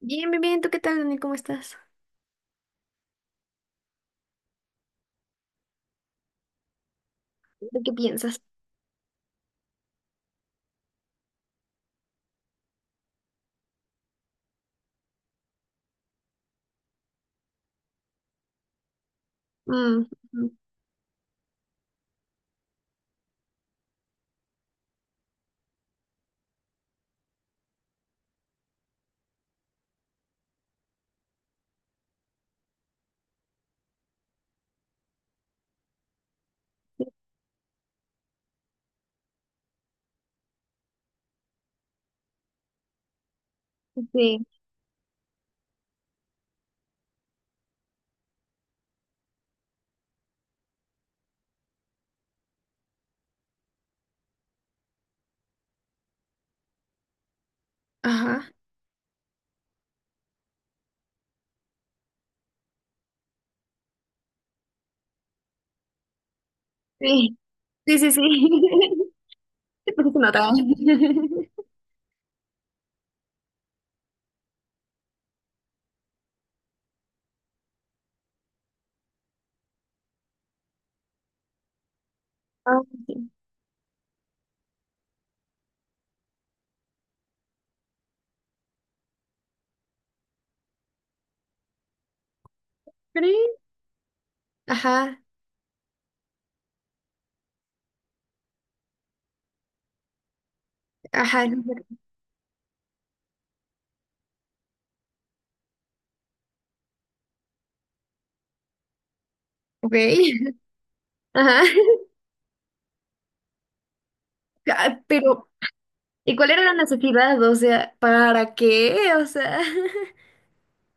Bien, bien, bien. ¿Tú qué tal, Dani? ¿Cómo estás? ¿De qué piensas? Mm, mm, sí. Ajá. Sí, sí, sí, sí. Porque se nota. Ah, sí. ¿Crees? Ajá, ajá. Ok. Ajá. Ah, pero, ¿y cuál era la necesidad? O sea, ¿para qué? O sea.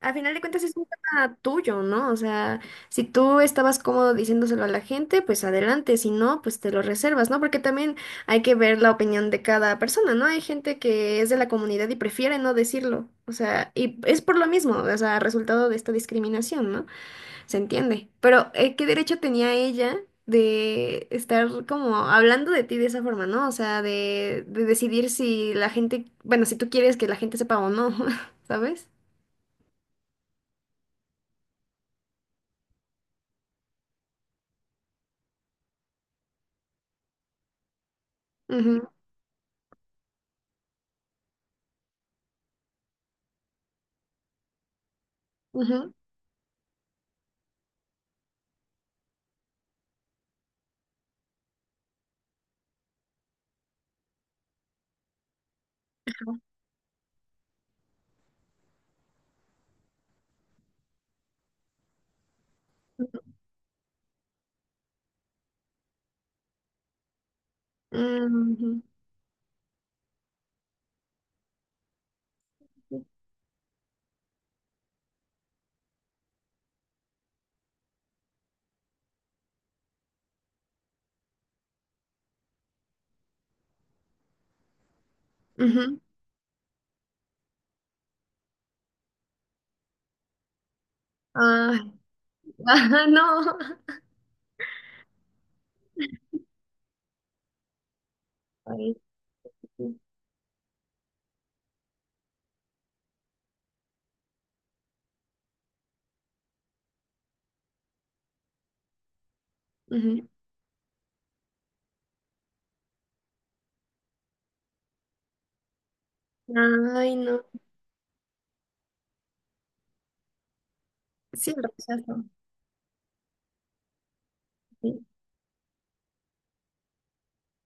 Al final de cuentas es un tema tuyo, ¿no? O sea, si tú estabas cómodo diciéndoselo a la gente, pues adelante, si no, pues te lo reservas, ¿no? Porque también hay que ver la opinión de cada persona, ¿no? Hay gente que es de la comunidad y prefiere no decirlo, o sea, y es por lo mismo, o sea, resultado de esta discriminación, ¿no? Se entiende. Pero, ¿qué derecho tenía ella de estar como hablando de ti de esa forma, ¿no? O sea, de decidir si la gente, bueno, si tú quieres que la gente sepa o no, ¿sabes? Ujú, ujú. Ujú, ujú. Ay, ah, no. Ay, sí. Ujú. Ay, no. Sí, el rechazo. Sí.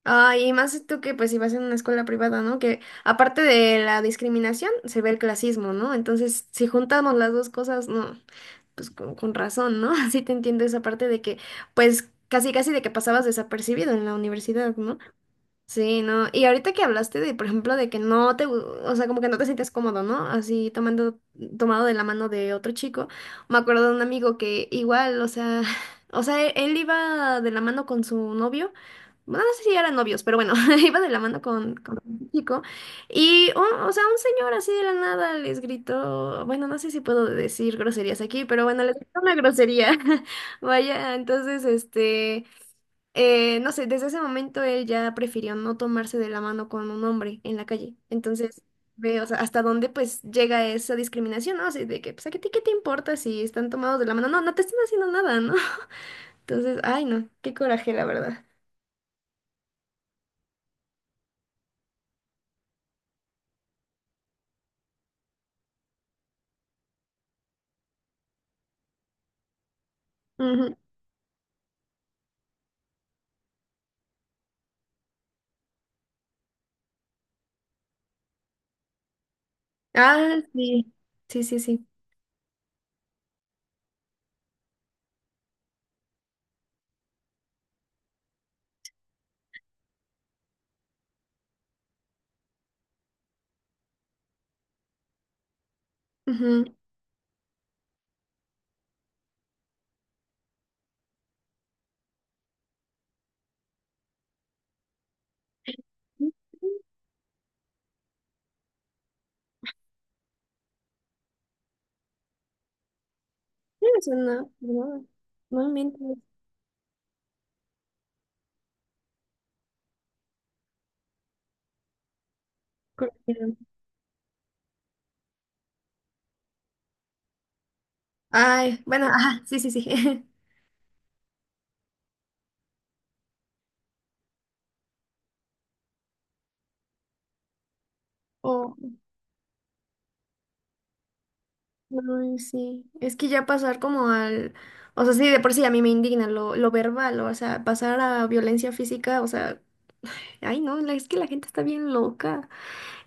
Ay, y más tú que pues si vas en una escuela privada, ¿no? Que aparte de la discriminación, se ve el clasismo, ¿no? Entonces, si juntamos las dos cosas, no, pues con razón, ¿no? Así te entiendo esa parte de que, pues, casi casi de que pasabas desapercibido en la universidad, ¿no? Sí, ¿no? Y ahorita que hablaste de, por ejemplo, de que no te, o sea, como que no te sientes cómodo, ¿no? Así tomado de la mano de otro chico. Me acuerdo de un amigo que igual, o sea, o sea, él iba de la mano con su novio. Bueno, no sé si eran novios, pero bueno, iba de la mano con un chico. Y, o sea, un señor así de la nada les gritó, bueno, no sé si puedo decir groserías aquí, pero bueno, les gritó una grosería. Vaya, entonces, este. No sé, desde ese momento él ya prefirió no tomarse de la mano con un hombre en la calle. Entonces, ve, o sea, hasta dónde pues llega esa discriminación, ¿no? Así de que, pues, ¿a ti qué te importa si están tomados de la mano? No, no te están haciendo nada, ¿no? Entonces, ay, no, qué coraje, la verdad. Ujú. Ah, sí, sí, sí, sí. Ujú. Sí, me suena. No, no mientes. Coraje. Ay, bueno, ajá, sí, sí, sí. O- ay, sí, es que ya pasar como al, o sea, sí, de por sí a mí me indigna lo verbal, o sea, pasar a violencia física, o sea, ay no, la- es que la gente está bien loca.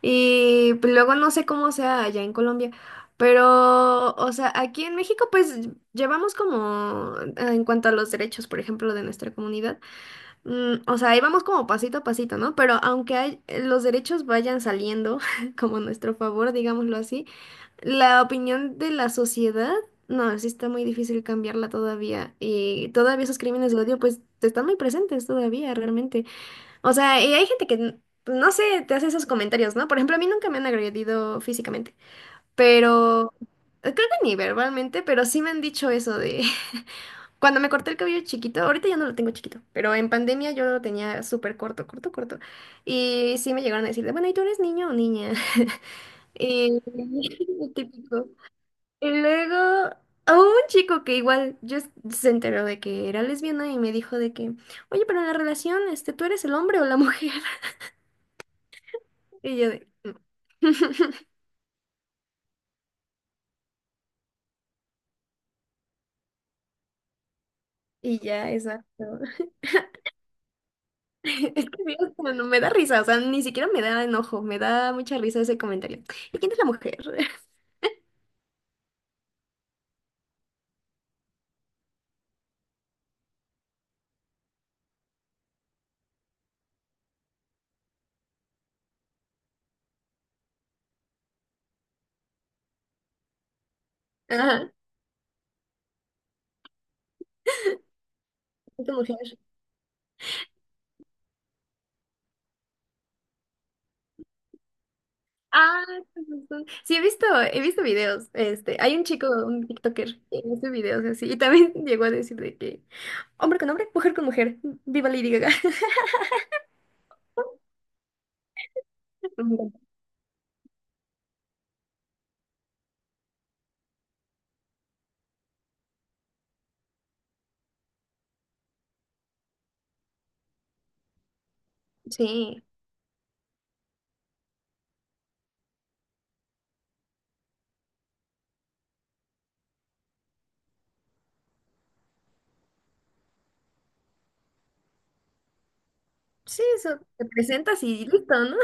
Y pues, luego no sé cómo sea allá en Colombia, pero, o sea, aquí en México pues llevamos como, en cuanto a los derechos, por ejemplo, de nuestra comunidad, mm, o sea, ahí vamos como pasito a pasito, ¿no? Pero aunque hay, los derechos vayan saliendo como a nuestro favor, digámoslo así. La opinión de la sociedad, no, sí está muy difícil cambiarla todavía. Y todavía esos crímenes de odio, pues, están muy presentes todavía, realmente. O sea, y hay gente que, n- no sé, te hace esos comentarios, ¿no? Por ejemplo, a mí nunca me han agredido físicamente, pero creo que ni verbalmente, pero sí me han dicho eso de... Cuando me corté el cabello chiquito, ahorita ya no lo tengo chiquito, pero en pandemia yo lo tenía súper corto, corto, corto. Y sí me llegaron a decir, de, bueno, ¿y tú eres niño o niña? Y típico. Y luego, a un chico que igual yo se enteró de que era lesbiana y me dijo de que, oye, pero en la relación, este, ¿tú eres el hombre o la mujer? Y yo de... "Mm". Y ya, exacto. Es que Dios, no, no, me da risa, o sea, ni siquiera me da enojo, me da mucha risa ese comentario. ¿Y quién es la mujer? Ajá, ¿quién es la mujer? Ah, con razón. Sí, he visto videos. Este, hay un chico, un TikToker, que hace videos así, y también llegó a decir de que hombre con hombre, mujer con mujer, viva Lady Gaga. Ujú. Sí, sí, eso, te presentas y listo, ¿no?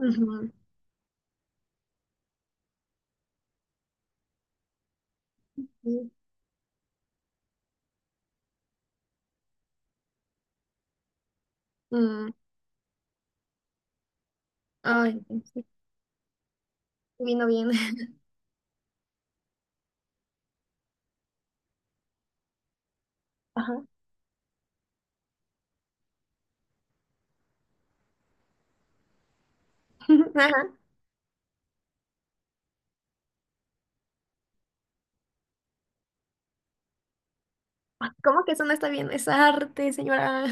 Ujú, sí. Mm, ay, sí, vino bien. Ajá. Ajá. Ay, ¿cómo que eso no está bien? Es arte, señora.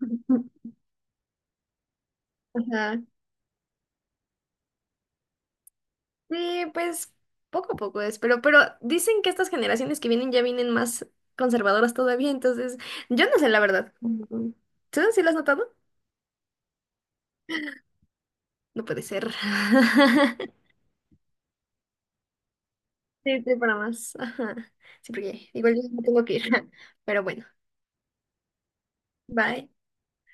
Ajá. Sí, pues poco a poco es, pero dicen que estas generaciones que vienen ya vienen más conservadoras todavía, entonces yo no sé la verdad. Ujú. ¿Tú sí lo has notado? No puede ser. Sí, sí, para más. Ajá. Sí, porque igual yo me tengo que ir. Pero bueno, bye.